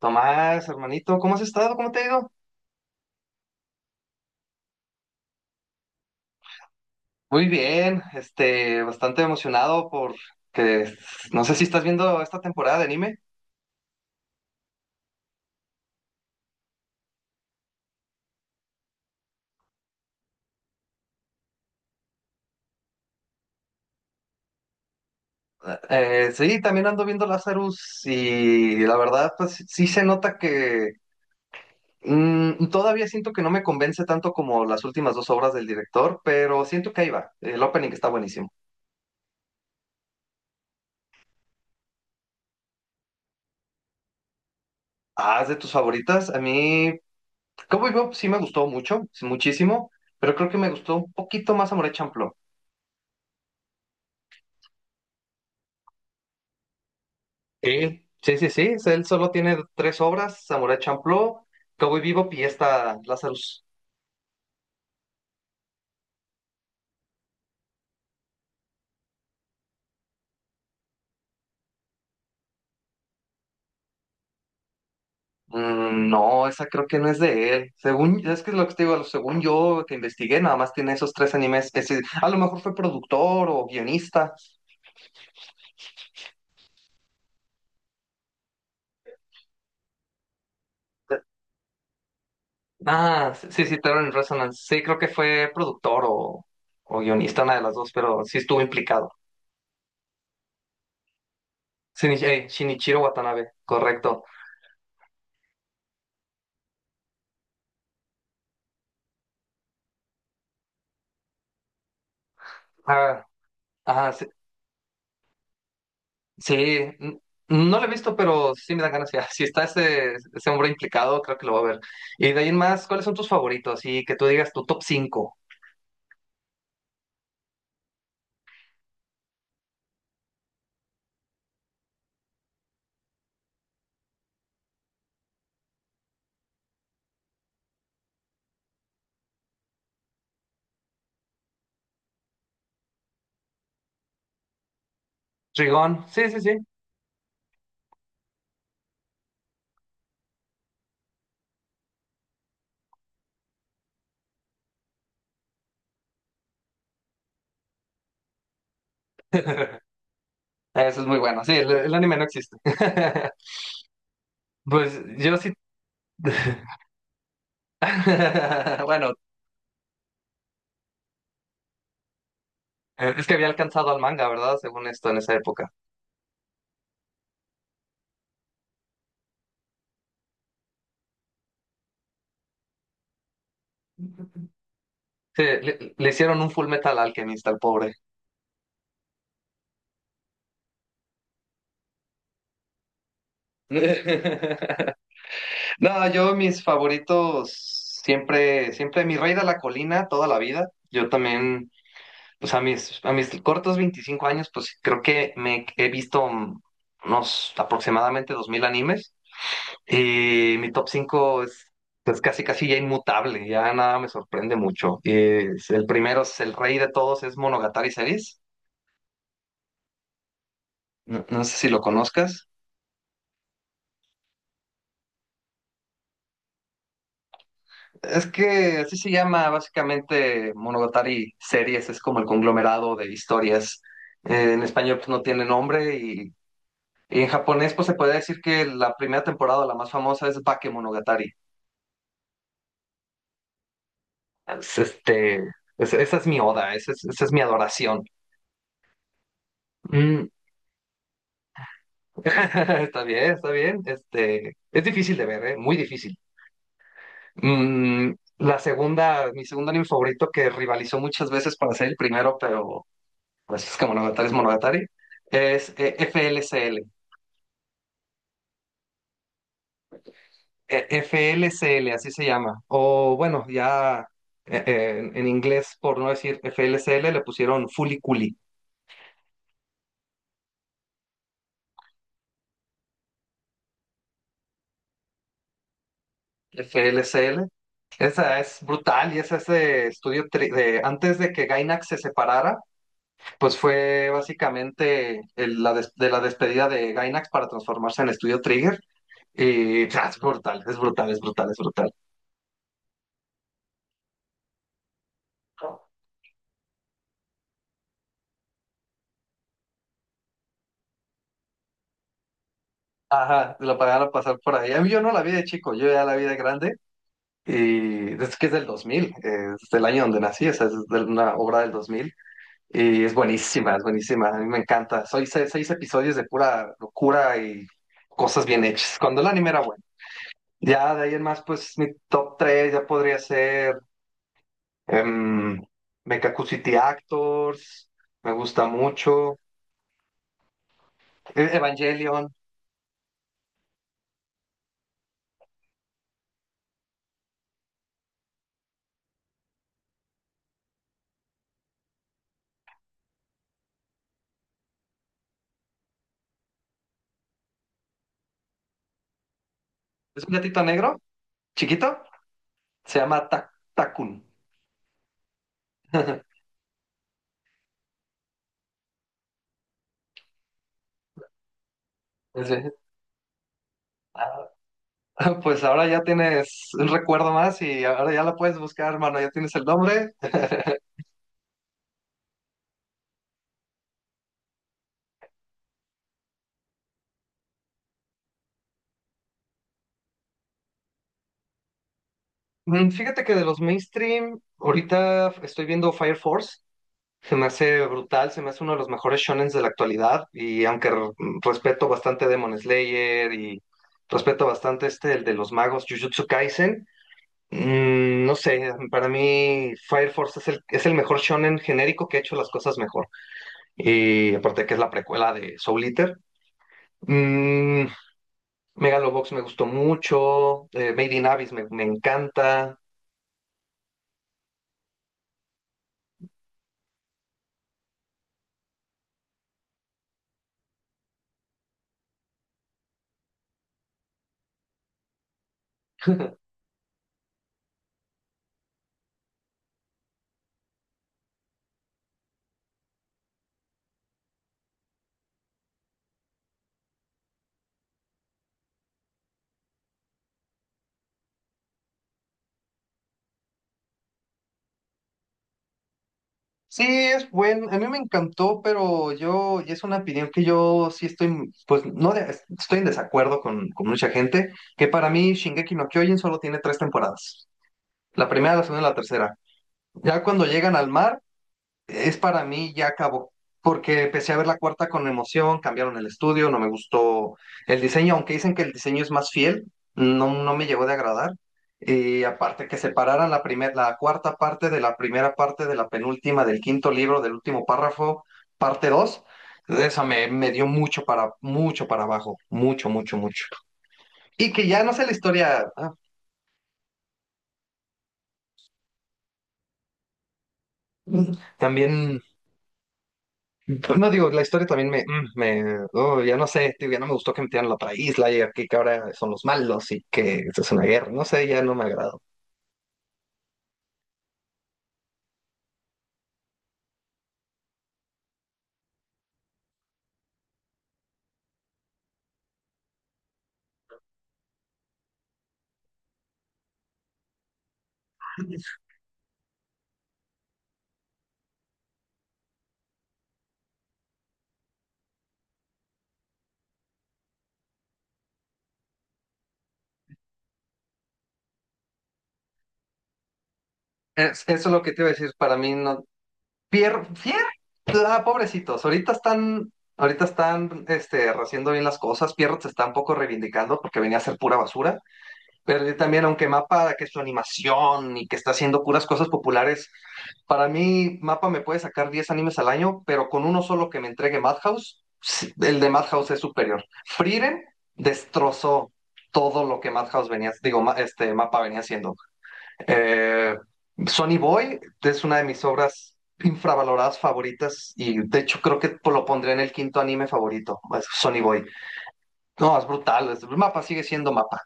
Tomás, hermanito, ¿cómo has estado? ¿Cómo te ha ido? Muy bien, bastante emocionado por que no sé si estás viendo esta temporada de anime. Sí, también ando viendo Lazarus y la verdad, pues sí se nota que todavía siento que no me convence tanto como las últimas dos obras del director, pero siento que ahí va. El opening está buenísimo. Ah, es de tus favoritas. A mí, como yo, sí me gustó mucho, sí, muchísimo, pero creo que me gustó un poquito más Amore Champloo. Sí, sí, sí, sí. Él solo tiene 3 obras: Samurai Champloo, Cowboy Bebop y esta, Lazarus. Mm, no, esa creo que no es de él. Según, es que es lo que te digo, según yo que investigué, nada más tiene esos 3 animes. Es decir, a lo mejor fue productor o guionista. Ah, sí, sí, sí, Terror in Resonance. Sí, creo que fue productor o guionista, una de las dos, pero sí estuvo implicado. Shinichiro Watanabe, correcto. Ah, sí, n- no lo he visto, pero sí me dan ganas ya. Si está ese, ese hombre implicado, creo que lo voy a ver. Y de ahí en más, ¿cuáles son tus favoritos? Y que tú digas tu top cinco. Rigón, sí, sí, sí. Eso es muy bueno. Sí, el anime no existe. Pues yo sí. Bueno, es que había alcanzado al manga, ¿verdad? Según esto, en esa época. Sí, le hicieron un Full Metal Alchemist al pobre. No, yo mis favoritos siempre, siempre mi rey de la colina toda la vida. Yo también, pues a mis cortos 25 años, pues creo que me he visto unos aproximadamente 2000 animes y mi top 5 es pues casi casi ya inmutable, ya nada me sorprende mucho. El primero es el rey de todos, es Monogatari Series. No, no sé si lo conozcas. Es que así se llama básicamente, Monogatari Series, es como el conglomerado de historias. En español pues no tiene nombre, y en japonés pues se puede decir que la primera temporada, la más famosa, es Bakemonogatari. Es, este, Esa es mi oda, esa es mi adoración. Mm. Está bien, está bien. Este, es difícil de ver, ¿eh? Muy difícil. Mm, la segunda, mi segundo anime favorito que rivalizó muchas veces para ser el primero, pero... Francisca Monogatari es Monogatari, es FLCL, así se llama. O bueno, ya en inglés, por no decir FLCL, le pusieron Fuliculi, FLCL. Esa es brutal y es ese de antes de que Gainax se separara, pues fue básicamente de la despedida de Gainax para transformarse en estudio Trigger. Y o sea, es brutal, es brutal, es brutal, es brutal. Ajá, lo pagaron pasar por ahí. A mí, yo no la vi de chico, yo ya la vi de grande. Y es que es del 2000, es del año donde nací, o sea, es de una obra del 2000. Y es buenísima, a mí me encanta. Soy 6, 6 episodios de pura locura y cosas bien hechas. Cuando el anime era bueno. Ya de ahí en más, pues mi top tres ya podría ser em, Mekaku City Actors, me gusta mucho. Evangelion, es un gatito negro, chiquito, se llama Takun. Pues, pues ahora ya tienes un recuerdo más y ahora ya la puedes buscar, hermano, ya tienes el nombre. Mm, fíjate que de los mainstream, ahorita estoy viendo Fire Force. Se me hace brutal, se me hace uno de los mejores shonens de la actualidad. Y aunque respeto bastante Demon Slayer y respeto bastante este, el de los magos, Jujutsu Kaisen, mm, no sé, para mí Fire Force es es el mejor shonen genérico que ha hecho las cosas mejor. Y aparte que es la precuela de Soul Eater. Mm, Megalobox me gustó mucho, Made in Abyss me encanta. Sí, es buen, a mí me encantó, pero yo, y es una opinión que yo sí estoy, pues no, estoy en desacuerdo con mucha gente, que para mí Shingeki no Kyojin solo tiene 3 temporadas, la primera, la segunda y la tercera. Ya cuando llegan al mar, es para mí ya acabó, porque empecé a ver la cuarta con emoción, cambiaron el estudio, no me gustó el diseño, aunque dicen que el diseño es más fiel, no, no me llegó de agradar. Y aparte que separaran la cuarta parte de la primera parte de la penúltima del quinto libro, del último párrafo, parte dos, esa me dio mucho para, mucho para abajo, mucho, mucho, mucho. Y que ya no sé la historia, ah, también. Pues no digo, la historia también me oh, ya no sé, tío, ya no me gustó que metieran la otra isla y aquí que ahora son los malos y que esto es una guerra, no sé, ya no me agradó. Eso es lo que te iba a decir, para mí no. Pier, ah, pobrecitos, ahorita están, este, haciendo bien las cosas, Pierrot se está un poco reivindicando porque venía a ser pura basura. Pero yo también, aunque Mapa, que su animación y que está haciendo puras cosas populares, para mí Mapa me puede sacar 10 animes al año, pero con uno solo que me entregue Madhouse, sí, el de Madhouse es superior. Frieren destrozó todo lo que Madhouse venía, digo, Mapa venía haciendo. Eh, Sonny Boy es una de mis obras infravaloradas favoritas y de hecho creo que lo pondré en el quinto anime favorito, es Sonny Boy. No, es brutal, Mapa sigue siendo Mapa.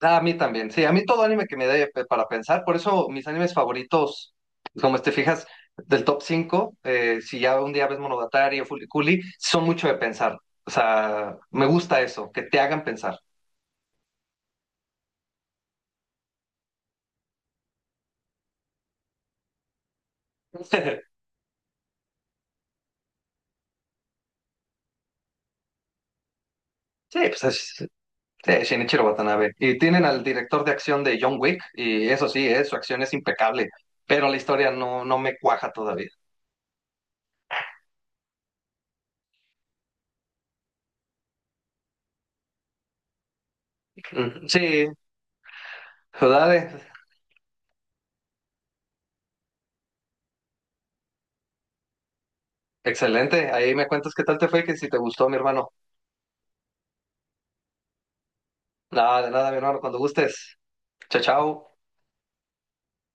Ah, a mí también, sí, a mí todo anime que me dé para pensar, por eso mis animes favoritos, como te fijas, del top cinco, si ya un día ves Monogatari o Fuliculi, son mucho de pensar, o sea, me gusta eso, que te hagan pensar. Sí, pues es Shinichiro Watanabe. Y tienen al director de acción de John Wick, y eso sí, su acción es impecable, pero la historia no, no me cuaja todavía. Mm, sí, dale, excelente, ahí me cuentas qué tal te fue, que si te gustó, mi hermano. Nada, de nada, mi hermano, cuando gustes. Chao, chao.